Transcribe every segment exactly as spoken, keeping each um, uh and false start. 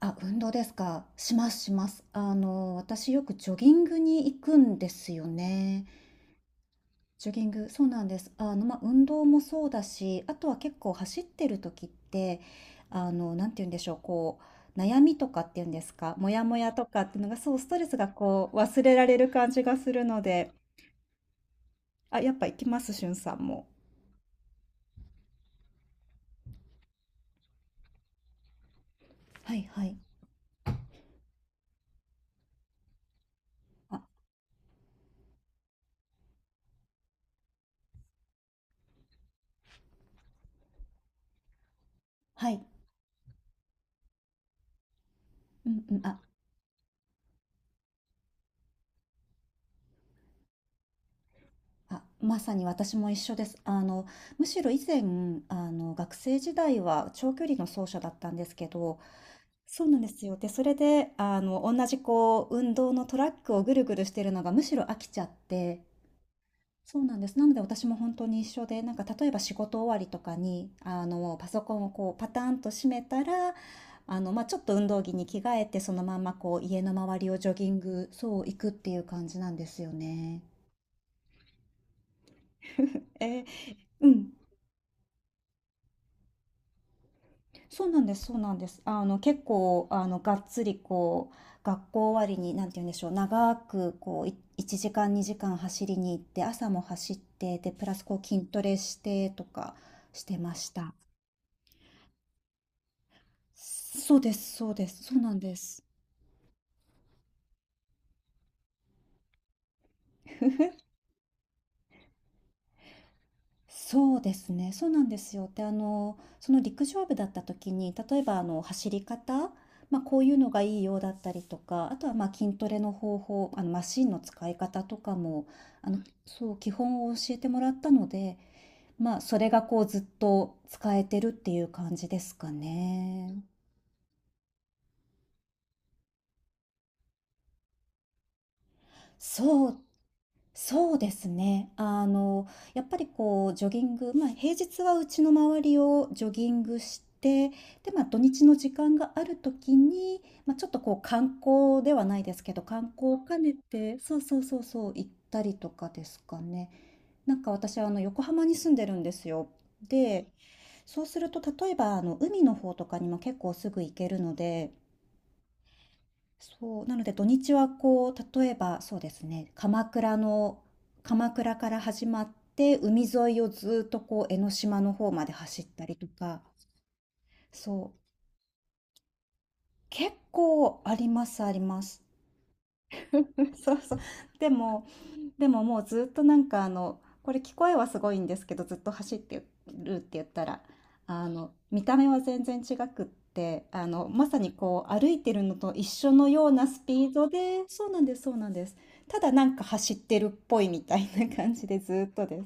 あ、運動ですか。しますします。あの、私よくジョギングに行くんですよね。ジョギング、そうなんです。あの、まあ、運動もそうだし、あとは結構走ってる時って、あの、なんて言うんでしょう、こう、悩みとかっていうんですか、モヤモヤとかっていうのが、そう、ストレスがこう、忘れられる感じがするので、あ、やっぱ行きます、しゅんさんも。はいはい。あ、はい。うんうん。ああ、まさに私も一緒です。あの、むしろ以前、あの、学生時代は長距離の走者だったんですけど、そうなんですよ。で、それで、あの、同じこう、運動のトラックをぐるぐるしてるのがむしろ飽きちゃって、そうなんです。なので私も本当に一緒で、なんか例えば仕事終わりとかに、あの、パソコンをこう、パターンと閉めたら、あの、まあ、ちょっと運動着に着替えて、そのままこう、家の周りをジョギング、そう、行くっていう感じなんですよね。えーうんそうなんです、そうなんです。あの、結構、あの、がっつり、こう、学校終わりに、なんて言うんでしょう、長く、こう、いいちじかん、にじかん走りに行って、朝も走って、で、プラス、こう、筋トレしてとかしてました。そうです、そうです、そうなんです。そうですね、そうなんですよ。で、あの、その陸上部だった時に、例えばあの走り方、まあ、こういうのがいいようだったりとか、あとはまあ筋トレの方法、あのマシンの使い方とかも、あの、そう、基本を教えてもらったので、まあ、それがこうずっと使えてるっていう感じですかね。そうそうですね。あの、やっぱりこうジョギング、まあ、平日はうちの周りをジョギングして、で、まあ、土日の時間があるときに、まあ、ちょっとこう観光ではないですけど、観光を兼ねて、そうそうそうそう、行ったりとかですかね。なんか私はあの横浜に住んでるんですよ。で、そうすると例えばあの海の方とかにも結構すぐ行けるので、そう、なので土日はこう、例えばそうですね、鎌倉の、鎌倉から始まって、海沿いをずっとこう、江ノ島の方まで走ったりとか、そう、結構あります、あります。そうそう。でも、でももうずっとなんかあのこれ聞こえはすごいんですけどずっと走ってるって言ったらあの見た目は全然違くってあのまさにこう歩いてるのと一緒のようなスピードでそうなんですそうなんですただなんか走ってるっぽいみたいな感じでずっとです。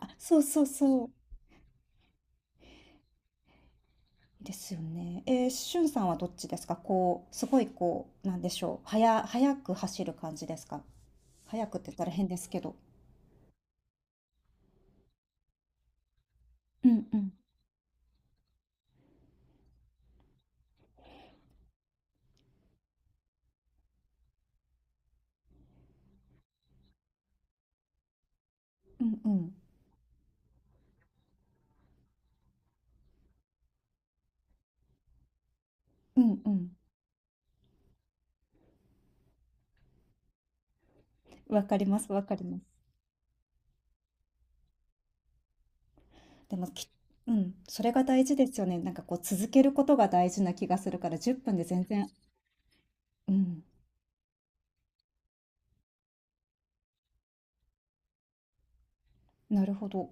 あそうそうそうですよね。えー、しゅんさんはどっちですかこうすごいこうなんでしょう速速く走る感じですか。速くって言ったら変ですけど。うんうんうんうんうんうん。わかります、わかります。でもき、うん、それが大事ですよね。なんかこう続けることが大事な気がするからじゅっぷんで全然、うん、なるほど。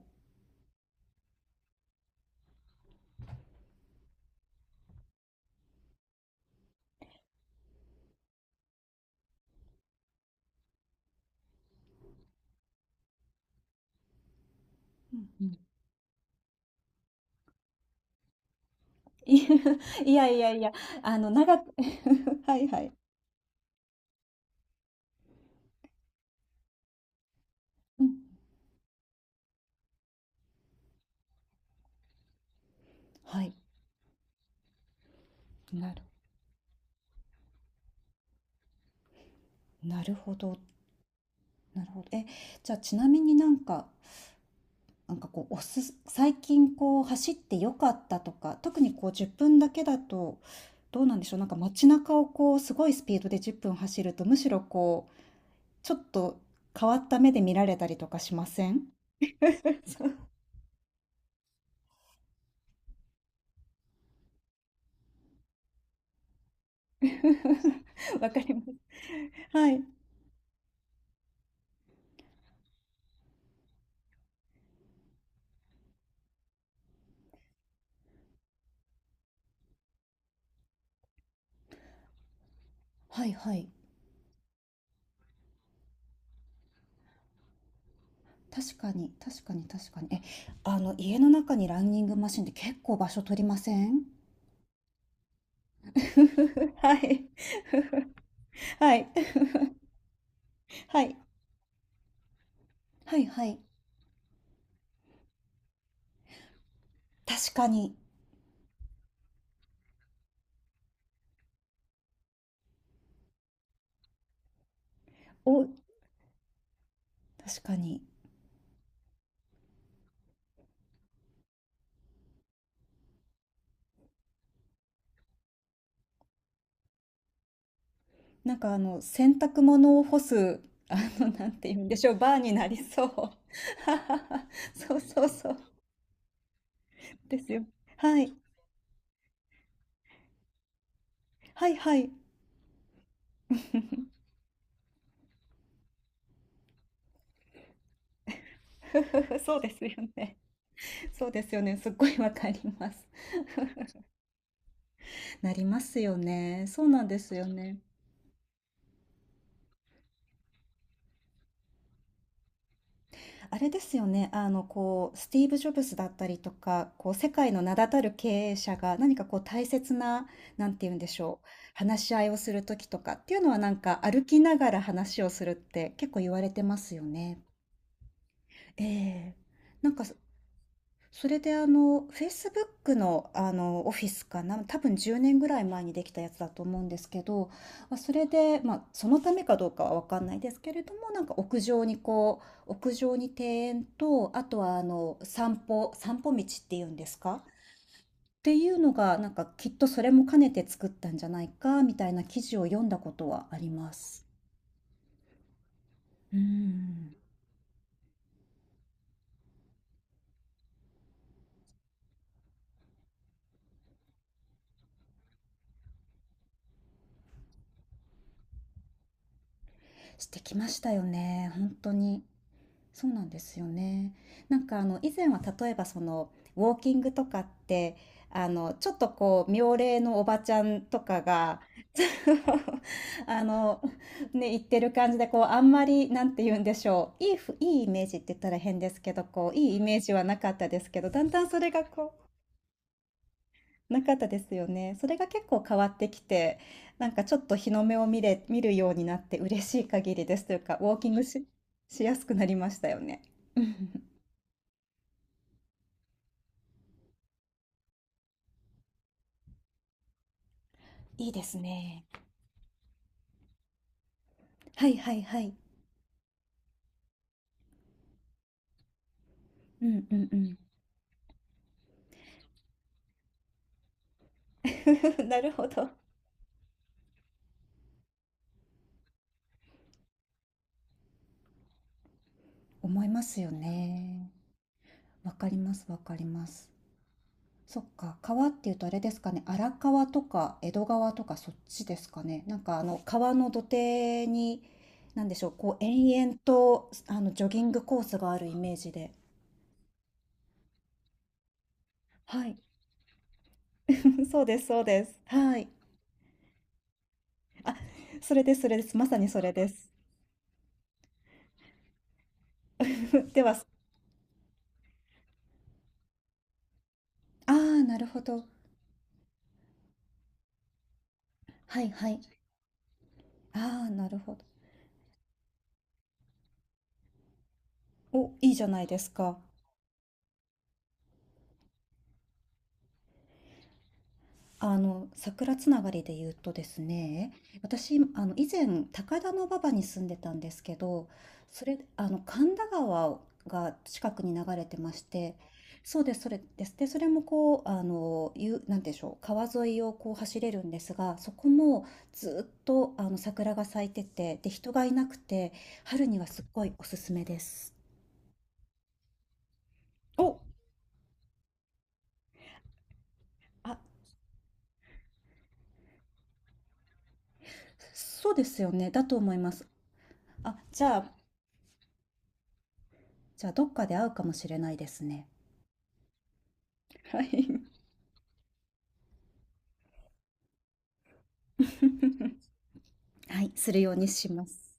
うんうん、いいやいやいや、あの長く はいはい。うん、はい。なる、なるほど、なるほど。え、じゃあちなみになんか、なんかこうおすす、最近こう走ってよかったとか、特にこうじゅっぷんだけだとどうなんでしょう。なんか街中をこうすごいスピードでじゅっぷん走るとむしろこうちょっと変わった目で見られたりとかしません？そう わかります。はい。はいはい。確かに、確かに、確かに。え、あの、家の中にランニングマシンって結構場所取りません？ はい。はい。はい。はいはい。確かに。お、確かに。なんかあの、洗濯物を干す、あの、なんて言うんでしょう、バーになりそう。そうそうそう。ですよ。はい。はいはい。そうですよね。そうですよね。すっごいわかります。なりますよね。そうなんですよね。あれですよね。あの、こう、スティーブ・ジョブズだったりとか、こう、世界の名だたる経営者が何かこう、大切な、なんて言うんでしょう。話し合いをするときとかっていうのは、なんか歩きながら話をするって結構言われてますよね。ええ。なんか、それであの、Facebook の、あの、オフィスかな、多分じゅうねんぐらい前にできたやつだと思うんですけど、まあ、それで、まあ、そのためかどうかは分かんないですけれども、なんか屋上にこう、屋上に庭園と、あとはあの、散歩、散歩道っていうんですかっていうのが、なんかきっとそれも兼ねて作ったんじゃないか、みたいな記事を読んだことはあります。うん、してきましたよね、本当に。そうなんですよね。なんかあの以前は例えばそのウォーキングとかってあのちょっとこう妙齢のおばちゃんとかが あのね、言ってる感じでこうあんまりなんて言うんでしょういいふ、いいイメージって言ったら変ですけどこういいイメージはなかったですけどだんだんそれがこうなかったですよね。それが結構変わってきてなんかちょっと日の目を見れ、見るようになって嬉しい限りですというかウォーキングし、しやすくなりましたよね。うん、いいですね。はいはいはい。うんうんうん。なるほど。思いますよね。わかりますわかります。そっか、川っていうとあれですかね、荒川とか江戸川とかそっちですかね。なんかあの川の土手に、なんでしょう、こう延々とあのジョギングコースがあるイメージで。はい。そうですそうです。はい。あ、それですそれです。まさにそれです。では、ああ、なるほど。はいはい。ああ、なるほど。お、いいじゃないですか。あの、桜つながりで言うとですね、私、あの、以前、高田馬場に住んでたんですけど、それ、あの、神田川が近くに流れてまして、そうです、それです。で、それもこう、あの、ゆ、なんでしょう、川沿いをこう走れるんですが、そこもずっと、あの、桜が咲いてて、で、人がいなくて、春にはすっごいおすすめです。お、あ、そうですよね。だと思います。あ、じゃあ、じゃあ、どっかで会うかもしれないですね。はい。はい、するようにします。